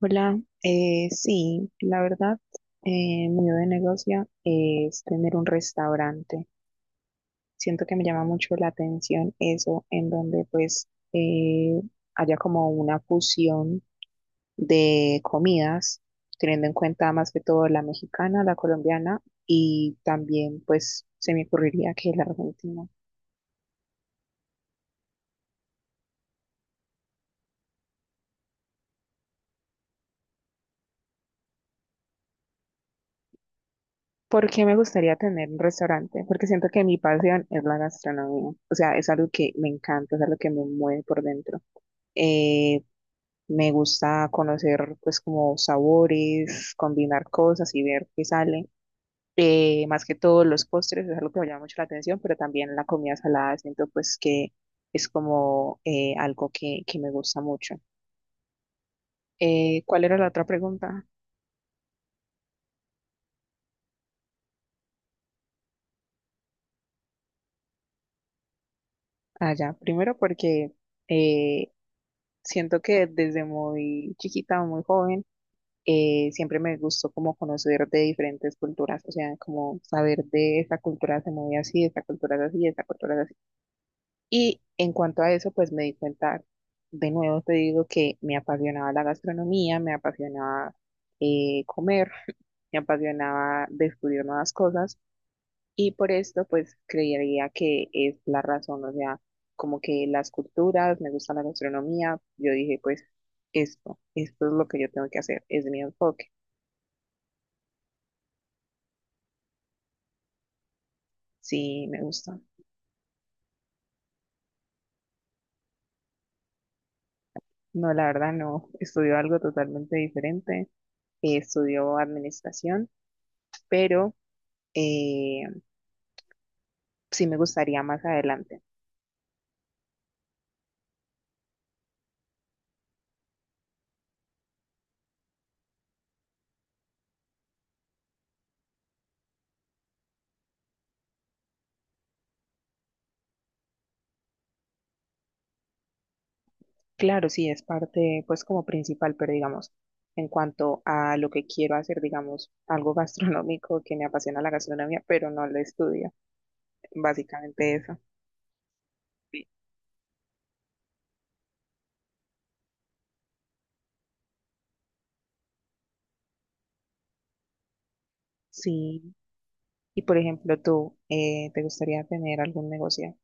Hola, sí, la verdad, mi idea de negocio es tener un restaurante. Siento que me llama mucho la atención eso, en donde pues eh, haya como una fusión de comidas, teniendo en cuenta más que todo la mexicana, la colombiana y también pues se me ocurriría que la argentina. ¿Por qué me gustaría tener un restaurante? Porque siento que mi pasión es la gastronomía, o sea, es algo que me encanta, es algo que me mueve por dentro. Eh, Me gusta conocer pues como sabores, combinar cosas y ver qué sale. Más que todo los postres es algo que me llama mucho la atención, pero también la comida salada siento pues que es como algo que me gusta mucho. ¿Cuál era la otra pregunta? Ah, ya, primero porque eh, siento que desde muy chiquita o muy joven siempre me gustó como conocer de diferentes culturas, o sea, como saber de esta cultura se mueve así, esta cultura es así, esta cultura es así. Y en cuanto a eso, pues me di cuenta, de nuevo te digo que me apasionaba la gastronomía, me apasionaba comer, me apasionaba descubrir nuevas cosas y por esto pues creería que es la razón, o sea, como que las culturas, me gusta la gastronomía, yo dije pues esto es lo que yo tengo que hacer, es mi enfoque. Sí, me gusta. No, la verdad no. Estudió algo totalmente diferente. Estudió administración, pero eh, sí me gustaría más adelante. Claro, sí, es parte, pues como principal, pero digamos, en cuanto a lo que quiero hacer, digamos, algo gastronómico que me apasiona la gastronomía, pero no lo estudio. Básicamente eso. Sí. Y por ejemplo, tú, ¿te gustaría tener algún negocio?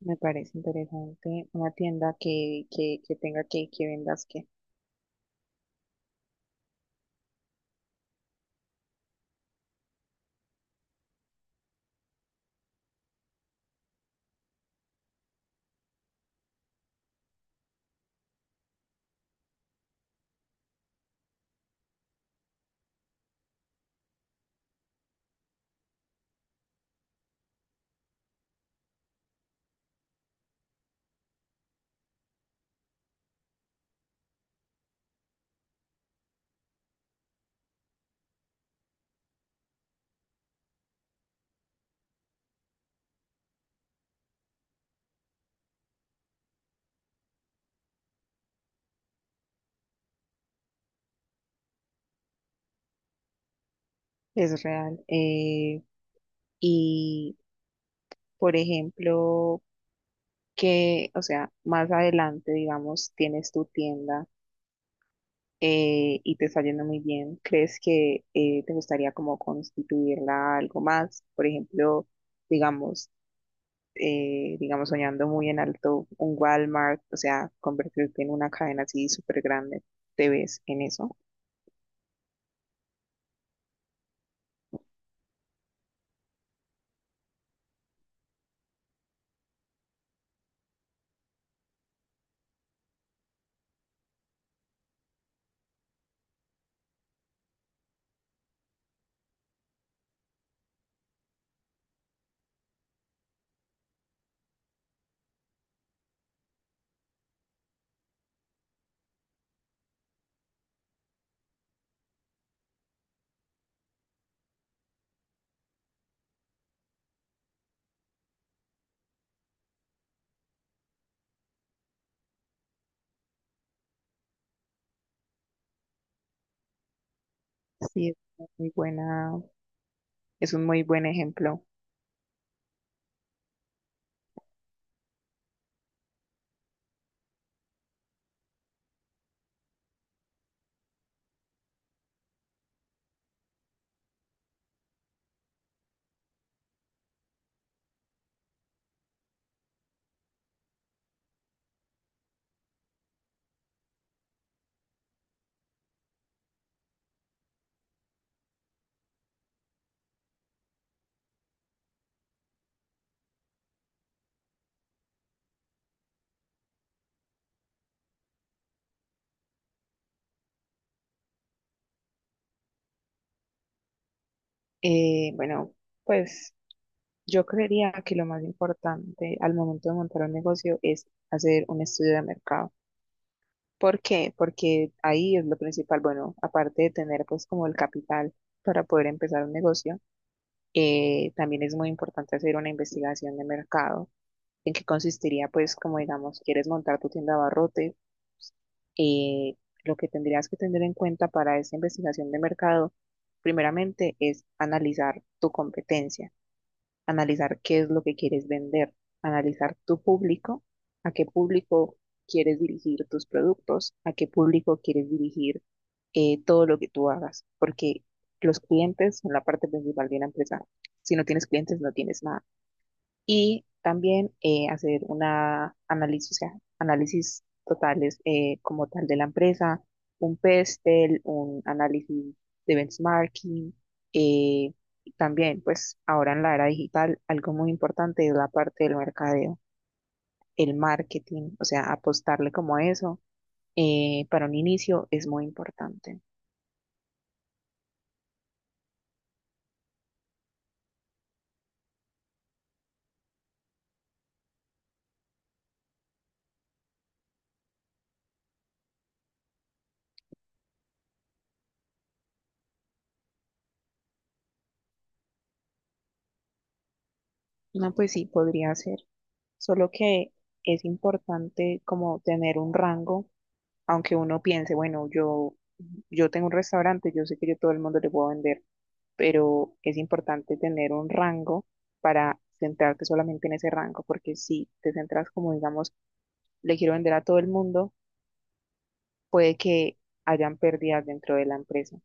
Me parece interesante una tienda que tenga que vendas que. Es real. Y, por ejemplo, que, o sea, más adelante, digamos, tienes tu tienda y te está yendo muy bien, ¿crees que te gustaría como constituirla algo más? Por ejemplo, digamos, digamos, soñando muy en alto, un Walmart, o sea, convertirte en una cadena así súper grande, ¿te ves en eso? Sí, es una muy buena, es un muy buen ejemplo. Bueno, pues yo creería que lo más importante al momento de montar un negocio es hacer un estudio de mercado. ¿Por qué? Porque ahí es lo principal. Bueno, aparte de tener pues como el capital para poder empezar un negocio, también es muy importante hacer una investigación de mercado. ¿En qué consistiría? Pues como digamos, quieres montar tu tienda de abarrotes, eh, lo que tendrías que tener en cuenta para esa investigación de mercado, primeramente, es analizar tu competencia, analizar qué es lo que quieres vender, analizar tu público, a qué público quieres dirigir tus productos, a qué público quieres dirigir todo lo que tú hagas, porque los clientes son la parte principal de una empresa. Si no tienes clientes, no tienes nada, y también hacer una análisis, o sea, análisis totales como tal de la empresa, un PESTEL, un análisis de benchmarking, eh, y también pues ahora en la era digital algo muy importante es la parte del mercadeo, el marketing, o sea, apostarle como a eso, para un inicio es muy importante. No, pues sí, podría ser, solo que es importante como tener un rango, aunque uno piense, bueno, yo tengo un restaurante, yo sé que yo todo el mundo le puedo vender, pero es importante tener un rango para centrarte solamente en ese rango, porque si te centras como, digamos, le quiero vender a todo el mundo, puede que hayan pérdidas dentro de la empresa,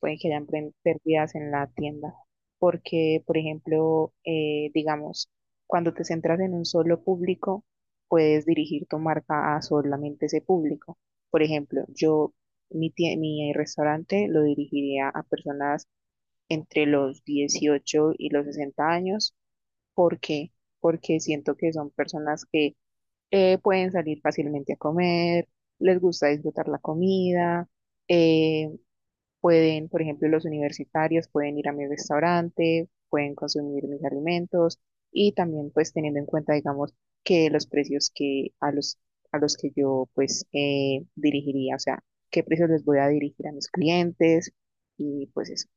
puede que hayan pérdidas en la tienda, porque, por ejemplo, digamos, cuando te centras en un solo público, puedes dirigir tu marca a solamente ese público. Por ejemplo, yo, mi restaurante lo dirigiría a personas entre los 18 y los 60 años, porque porque siento que son personas que pueden salir fácilmente a comer, les gusta disfrutar la comida, eh, pueden, por ejemplo, los universitarios pueden ir a mi restaurante, pueden consumir mis alimentos, y también pues teniendo en cuenta, digamos, que los precios que a los, que yo pues dirigiría, o sea, qué precios les voy a dirigir a mis clientes y pues eso.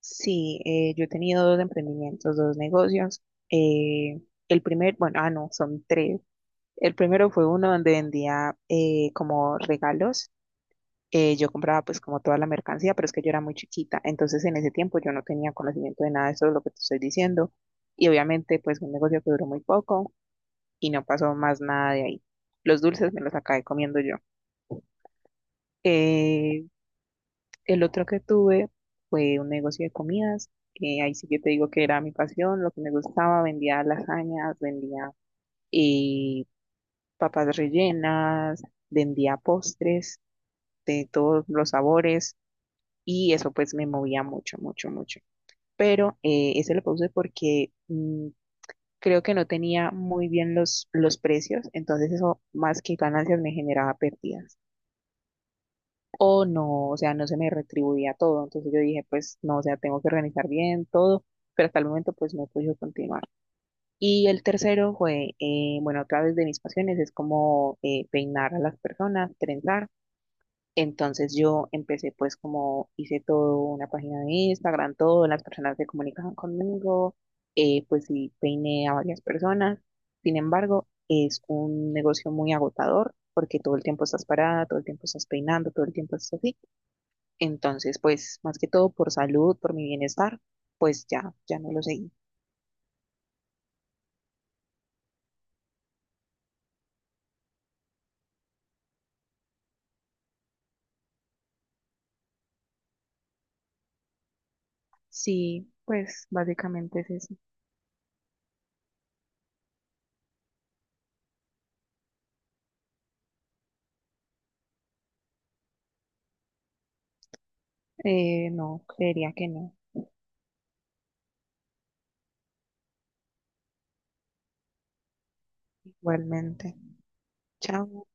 Sí, yo he tenido dos emprendimientos, dos negocios. eh, el primer, bueno, ah, no, son tres. El primero fue uno donde vendía como regalos. Yo compraba pues como toda la mercancía, pero es que yo era muy chiquita. Entonces en ese tiempo yo no tenía conocimiento de nada de eso, es lo que te estoy diciendo. Y obviamente pues un negocio que duró muy poco y no pasó más nada de ahí. Los dulces me los acabé comiendo yo. Eh, el otro que tuve fue un negocio de comidas. Ahí sí que te digo que era mi pasión, lo que me gustaba. Vendía lasañas, vendía eh, papas rellenas, vendía postres de todos los sabores y eso pues me movía mucho, mucho, mucho. Pero ese lo puse porque creo que no tenía muy bien los precios, entonces eso más que ganancias me generaba pérdidas. O no, o sea, no se me retribuía todo, entonces yo dije pues no, o sea, tengo que organizar bien todo, pero hasta el momento pues no pude continuar. Y el tercero fue, bueno, otra vez de mis pasiones es como peinar a las personas, trenzar. Entonces yo empecé pues como hice todo una página de Instagram, todo, las personas se comunicaban conmigo, pues sí peiné a varias personas. Sin embargo, es un negocio muy agotador porque todo el tiempo estás parada, todo el tiempo estás peinando, todo el tiempo estás así. Entonces, pues más que todo por salud, por mi bienestar, pues ya, ya no lo seguí. Sí, pues básicamente es eso. No, creería que no, igualmente. Chao.